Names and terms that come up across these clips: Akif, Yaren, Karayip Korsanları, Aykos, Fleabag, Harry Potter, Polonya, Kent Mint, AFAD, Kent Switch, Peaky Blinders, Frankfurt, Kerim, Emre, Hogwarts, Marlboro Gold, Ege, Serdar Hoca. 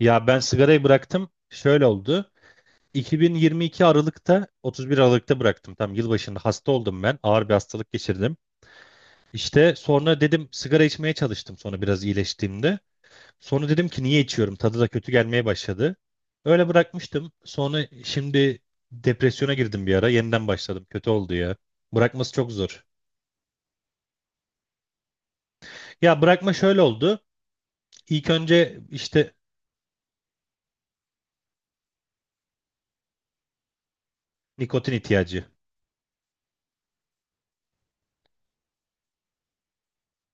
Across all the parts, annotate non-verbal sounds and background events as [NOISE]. Ya ben sigarayı bıraktım. Şöyle oldu. 2022 Aralık'ta, 31 Aralık'ta bıraktım. Tam yılbaşında hasta oldum ben. Ağır bir hastalık geçirdim. İşte sonra dedim sigara içmeye çalıştım sonra biraz iyileştiğimde. Sonra dedim ki niye içiyorum? Tadı da kötü gelmeye başladı. Öyle bırakmıştım. Sonra şimdi depresyona girdim bir ara. Yeniden başladım. Kötü oldu ya. Bırakması çok zor. Ya bırakma şöyle oldu. İlk önce işte nikotin ihtiyacı.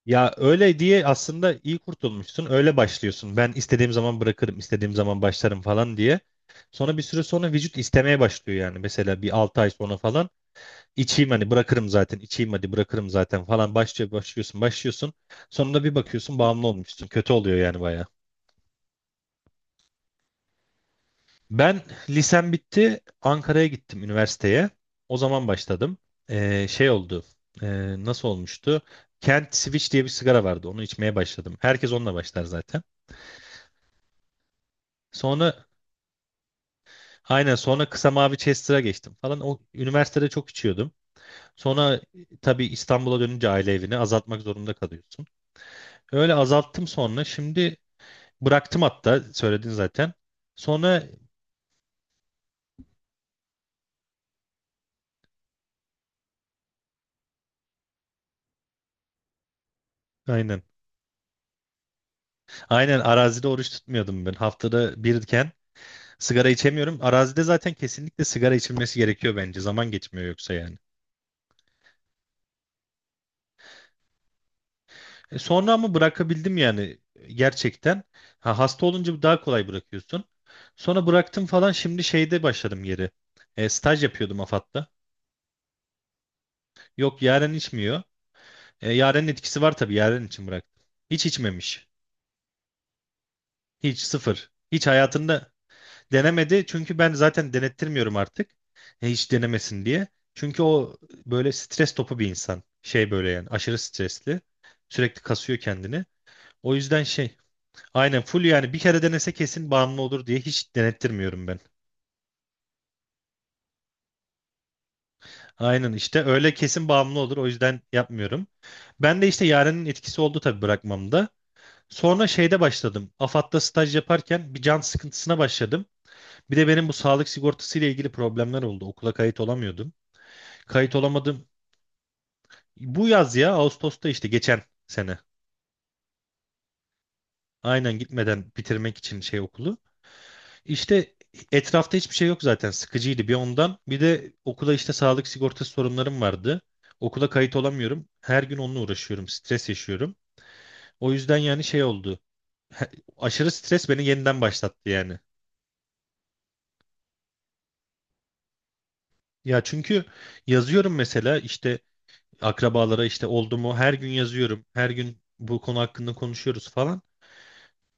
Ya öyle diye aslında iyi kurtulmuşsun. Öyle başlıyorsun. Ben istediğim zaman bırakırım, istediğim zaman başlarım falan diye. Sonra bir süre sonra vücut istemeye başlıyor yani. Mesela bir 6 ay sonra falan içeyim hani bırakırım zaten, içeyim hadi bırakırım zaten falan başlıyor, başlıyorsun. Sonunda bir bakıyorsun bağımlı olmuşsun. Kötü oluyor yani baya. Ben lisem bitti, Ankara'ya gittim üniversiteye. O zaman başladım. Şey oldu. Nasıl olmuştu? Kent Switch diye bir sigara vardı. Onu içmeye başladım. Herkes onunla başlar zaten. Sonra aynen sonra kısa mavi Chester'a geçtim falan. O üniversitede çok içiyordum. Sonra tabii İstanbul'a dönünce aile evini azaltmak zorunda kalıyorsun. Öyle azalttım sonra. Şimdi bıraktım hatta söyledin zaten. Sonra aynen. Aynen arazide oruç tutmuyordum ben. Haftada birken sigara içemiyorum. Arazide zaten kesinlikle sigara içilmesi gerekiyor bence. Zaman geçmiyor yoksa yani. Sonra ama bırakabildim yani gerçekten. Ha, hasta olunca daha kolay bırakıyorsun. Sonra bıraktım falan şimdi şeyde başladım geri. Staj yapıyordum AFAD'da. Yok, Yaren içmiyor. Yaren'in etkisi var tabii, Yaren için bıraktım. Hiç içmemiş. Hiç sıfır. Hiç hayatında denemedi. Çünkü ben zaten denettirmiyorum artık. Hiç denemesin diye. Çünkü o böyle stres topu bir insan. Şey böyle yani aşırı stresli. Sürekli kasıyor kendini. O yüzden şey, aynen full yani bir kere denese kesin bağımlı olur diye hiç denettirmiyorum ben. Aynen işte öyle kesin bağımlı olur o yüzden yapmıyorum. Ben de işte Yaren'in etkisi oldu tabii bırakmamda. Sonra şeyde başladım. AFAD'da staj yaparken bir can sıkıntısına başladım. Bir de benim bu sağlık sigortası ile ilgili problemler oldu. Okula kayıt olamıyordum. Kayıt olamadım. Bu yaz ya Ağustos'ta işte geçen sene. Aynen gitmeden bitirmek için şey okulu. İşte etrafta hiçbir şey yok zaten. Sıkıcıydı bir ondan. Bir de okula işte sağlık sigortası sorunlarım vardı. Okula kayıt olamıyorum. Her gün onunla uğraşıyorum. Stres yaşıyorum. O yüzden yani şey oldu. He- Aşırı stres beni yeniden başlattı yani. Ya çünkü yazıyorum mesela işte akrabalara işte oldu mu her gün yazıyorum. Her gün bu konu hakkında konuşuyoruz falan.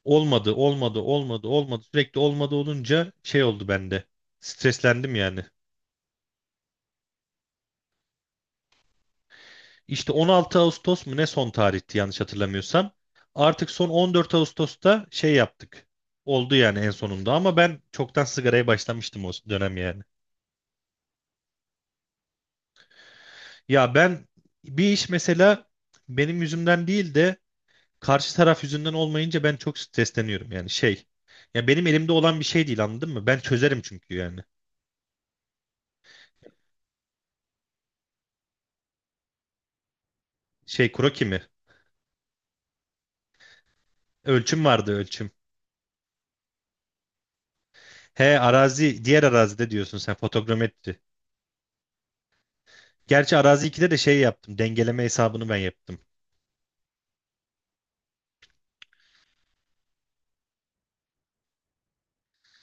Olmadı. Sürekli olmadı olunca şey oldu bende. Streslendim yani. İşte 16 Ağustos mu ne son tarihti yanlış hatırlamıyorsam. Artık son 14 Ağustos'ta şey yaptık. Oldu yani en sonunda ama ben çoktan sigaraya başlamıştım o dönem yani. Ya ben bir iş mesela benim yüzümden değil de karşı taraf yüzünden olmayınca ben çok stresleniyorum yani şey. Ya benim elimde olan bir şey değil, anladın mı? Ben çözerim çünkü yani. Şey kroki mi? Ölçüm vardı, ölçüm. He, arazi, diğer arazide diyorsun sen, fotogrametri. Gerçi arazi 2'de de şey yaptım. Dengeleme hesabını ben yaptım.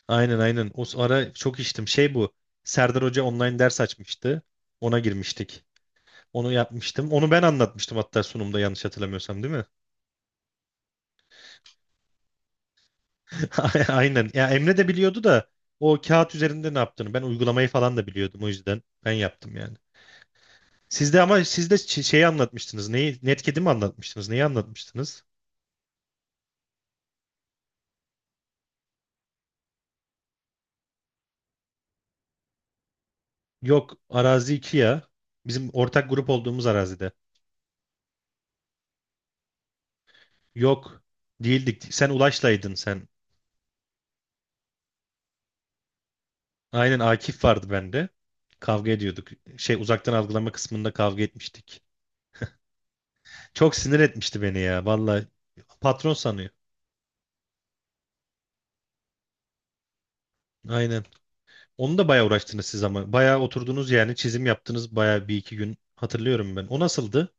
Aynen. O ara çok içtim. Şey bu. Serdar Hoca online ders açmıştı. Ona girmiştik. Onu yapmıştım. Onu ben anlatmıştım hatta sunumda, yanlış hatırlamıyorsam, değil mi? [LAUGHS] Aynen. Ya Emre de biliyordu da o kağıt üzerinde ne yaptığını. Ben uygulamayı falan da biliyordum o yüzden. Ben yaptım yani. Sizde ama, sizde şeyi anlatmıştınız. Neyi? Netkedi mi anlatmıştınız? Neyi anlatmıştınız? Yok, arazi 2 ya. Bizim ortak grup olduğumuz arazide. Yok, değildik. Sen Ulaş'laydın. Aynen, Akif vardı bende. Kavga ediyorduk. Şey, uzaktan algılama kısmında kavga etmiştik. Çok sinir etmişti beni ya. Vallahi patron sanıyor. Aynen. Onu da bayağı uğraştınız siz ama. Bayağı oturdunuz yani, çizim yaptınız bayağı bir iki gün. Hatırlıyorum ben. O nasıldı?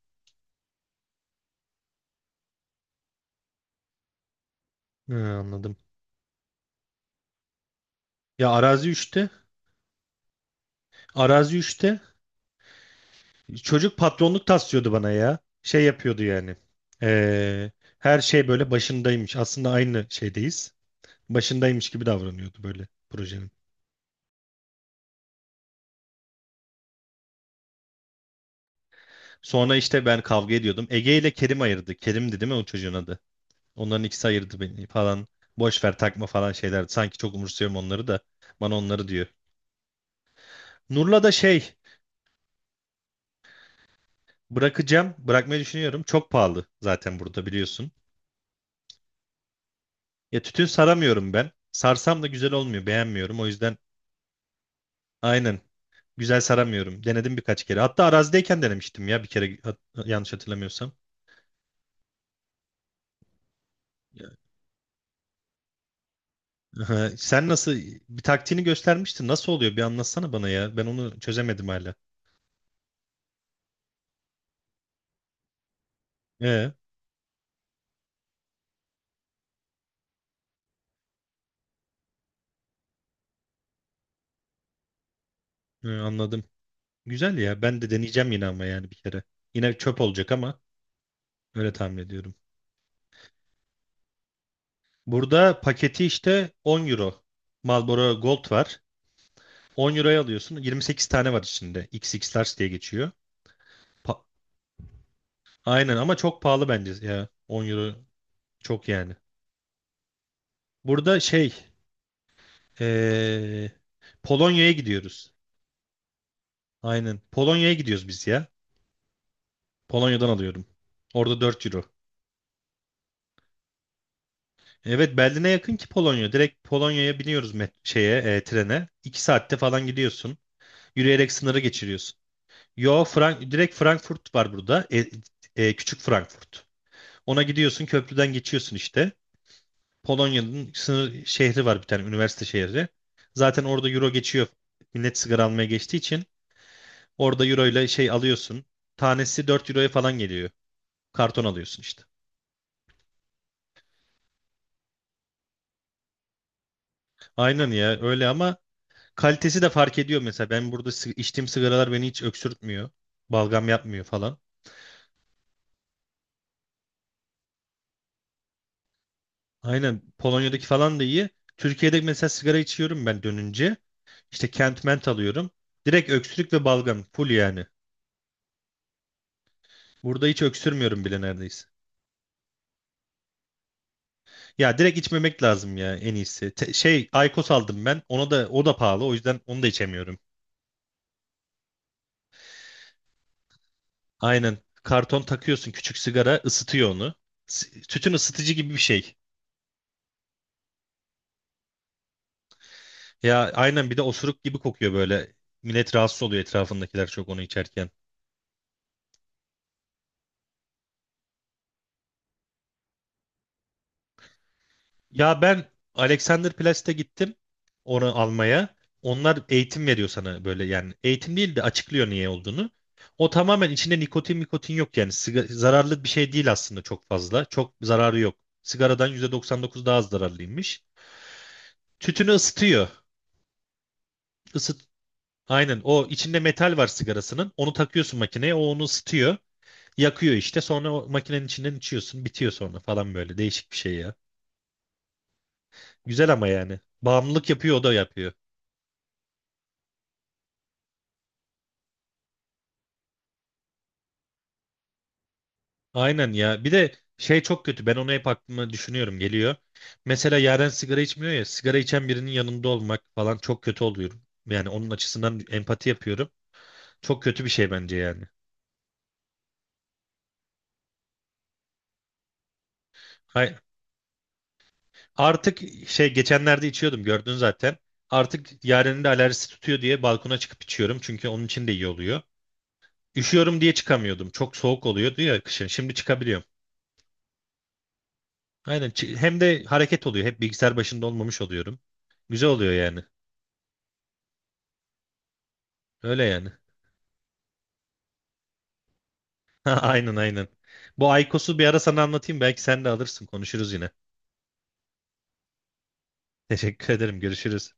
Hı, anladım. Ya arazi 3'te. Arazi 3'te çocuk patronluk taslıyordu bana ya. Şey yapıyordu yani. Ee, her şey böyle başındaymış. Aslında aynı şeydeyiz. Başındaymış gibi davranıyordu böyle projenin. Sonra işte ben kavga ediyordum. Ege ile Kerim ayırdı. Kerim'di değil mi o çocuğun adı? Onların ikisi ayırdı beni falan. Boş ver, takma falan şeyler. Sanki çok umursuyorum onları da. Bana onları diyor. Nur'la da şey, bırakacağım. Bırakmayı düşünüyorum. Çok pahalı zaten burada, biliyorsun. Ya tütün saramıyorum ben. Sarsam da güzel olmuyor. Beğenmiyorum. O yüzden aynen güzel saramıyorum. Denedim birkaç kere. Hatta arazideyken denemiştim ya bir kere yanlış hatırlamıyorsam. Aha, sen nasıl bir taktiğini göstermiştin. Nasıl oluyor? Bir anlatsana bana ya. Ben onu çözemedim hala. Ee, anladım. Güzel ya. Ben de deneyeceğim yine ama yani bir kere. Yine çöp olacak ama öyle tahmin ediyorum. Burada paketi işte 10 euro. Marlboro Gold var. 10 euroya alıyorsun. 28 tane var içinde. X X Large diye geçiyor. Pa- Aynen ama çok pahalı bence ya. 10 euro çok yani. Burada şey, ee, Polonya'ya gidiyoruz. Aynen. Polonya'ya gidiyoruz biz ya. Polonya'dan alıyorum. Orada 4 euro. Evet, Berlin'e yakın ki Polonya. Direkt Polonya'ya biniyoruz met şeye, trene. 2 saatte falan gidiyorsun. Yürüyerek sınırı geçiriyorsun. Yo, direkt Frankfurt var burada. Küçük Frankfurt. Ona gidiyorsun, köprüden geçiyorsun işte. Polonya'nın sınır şehri var bir tane, üniversite şehri. Zaten orada euro geçiyor. Millet sigara almaya geçtiği için orada euro ile şey alıyorsun. Tanesi 4 euroya falan geliyor. Karton alıyorsun işte. Aynen ya öyle ama kalitesi de fark ediyor mesela. Ben burada içtiğim sigaralar beni hiç öksürtmüyor. Balgam yapmıyor falan. Aynen Polonya'daki falan da iyi. Türkiye'de mesela sigara içiyorum ben dönünce. İşte Kent Mint alıyorum. Direkt öksürük ve balgam full yani. Burada hiç öksürmüyorum bile neredeyse. Ya direkt içmemek lazım ya en iyisi. Şey Aykos aldım ben. Ona da, o da pahalı. O yüzden onu da içemiyorum. Aynen. Karton takıyorsun, küçük sigara ısıtıyor onu. Tütün ısıtıcı gibi bir şey. Ya aynen, bir de osuruk gibi kokuyor böyle. Millet rahatsız oluyor, etrafındakiler çok onu içerken. Ya ben Alexanderplatz'te gittim onu almaya. Onlar eğitim veriyor sana böyle yani. Eğitim değil de açıklıyor niye olduğunu. O tamamen içinde nikotin mikotin yok yani. Zararlı bir şey değil aslında çok fazla. Çok zararı yok. Sigaradan %99 daha az zararlıymış. Tütünü ısıtıyor. Isıt. Aynen, o içinde metal var sigarasının. Onu takıyorsun makineye, o onu ısıtıyor. Yakıyor işte, sonra o makinenin içinden içiyorsun, bitiyor sonra falan, böyle değişik bir şey ya. Güzel ama yani, bağımlılık yapıyor, o da yapıyor. Aynen ya, bir de şey çok kötü, ben onu hep aklıma düşünüyorum geliyor. Mesela Yaren sigara içmiyor ya, sigara içen birinin yanında olmak falan çok kötü oluyorum. Yani onun açısından empati yapıyorum. Çok kötü bir şey bence yani. Hay Artık Şey geçenlerde içiyordum, gördün zaten. Artık Yaren'in de alerjisi tutuyor diye balkona çıkıp içiyorum. Çünkü onun için de iyi oluyor. Üşüyorum diye çıkamıyordum. Çok soğuk oluyordu ya kışın. Şimdi çıkabiliyorum. Aynen. Hem de hareket oluyor. Hep bilgisayar başında olmamış oluyorum. Güzel oluyor yani. Öyle yani. [LAUGHS] Ha, aynen aynen. Bu aykosu bir ara sana anlatayım. Belki sen de alırsın. Konuşuruz yine. [LAUGHS] Teşekkür ederim. Görüşürüz.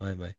Bay bay.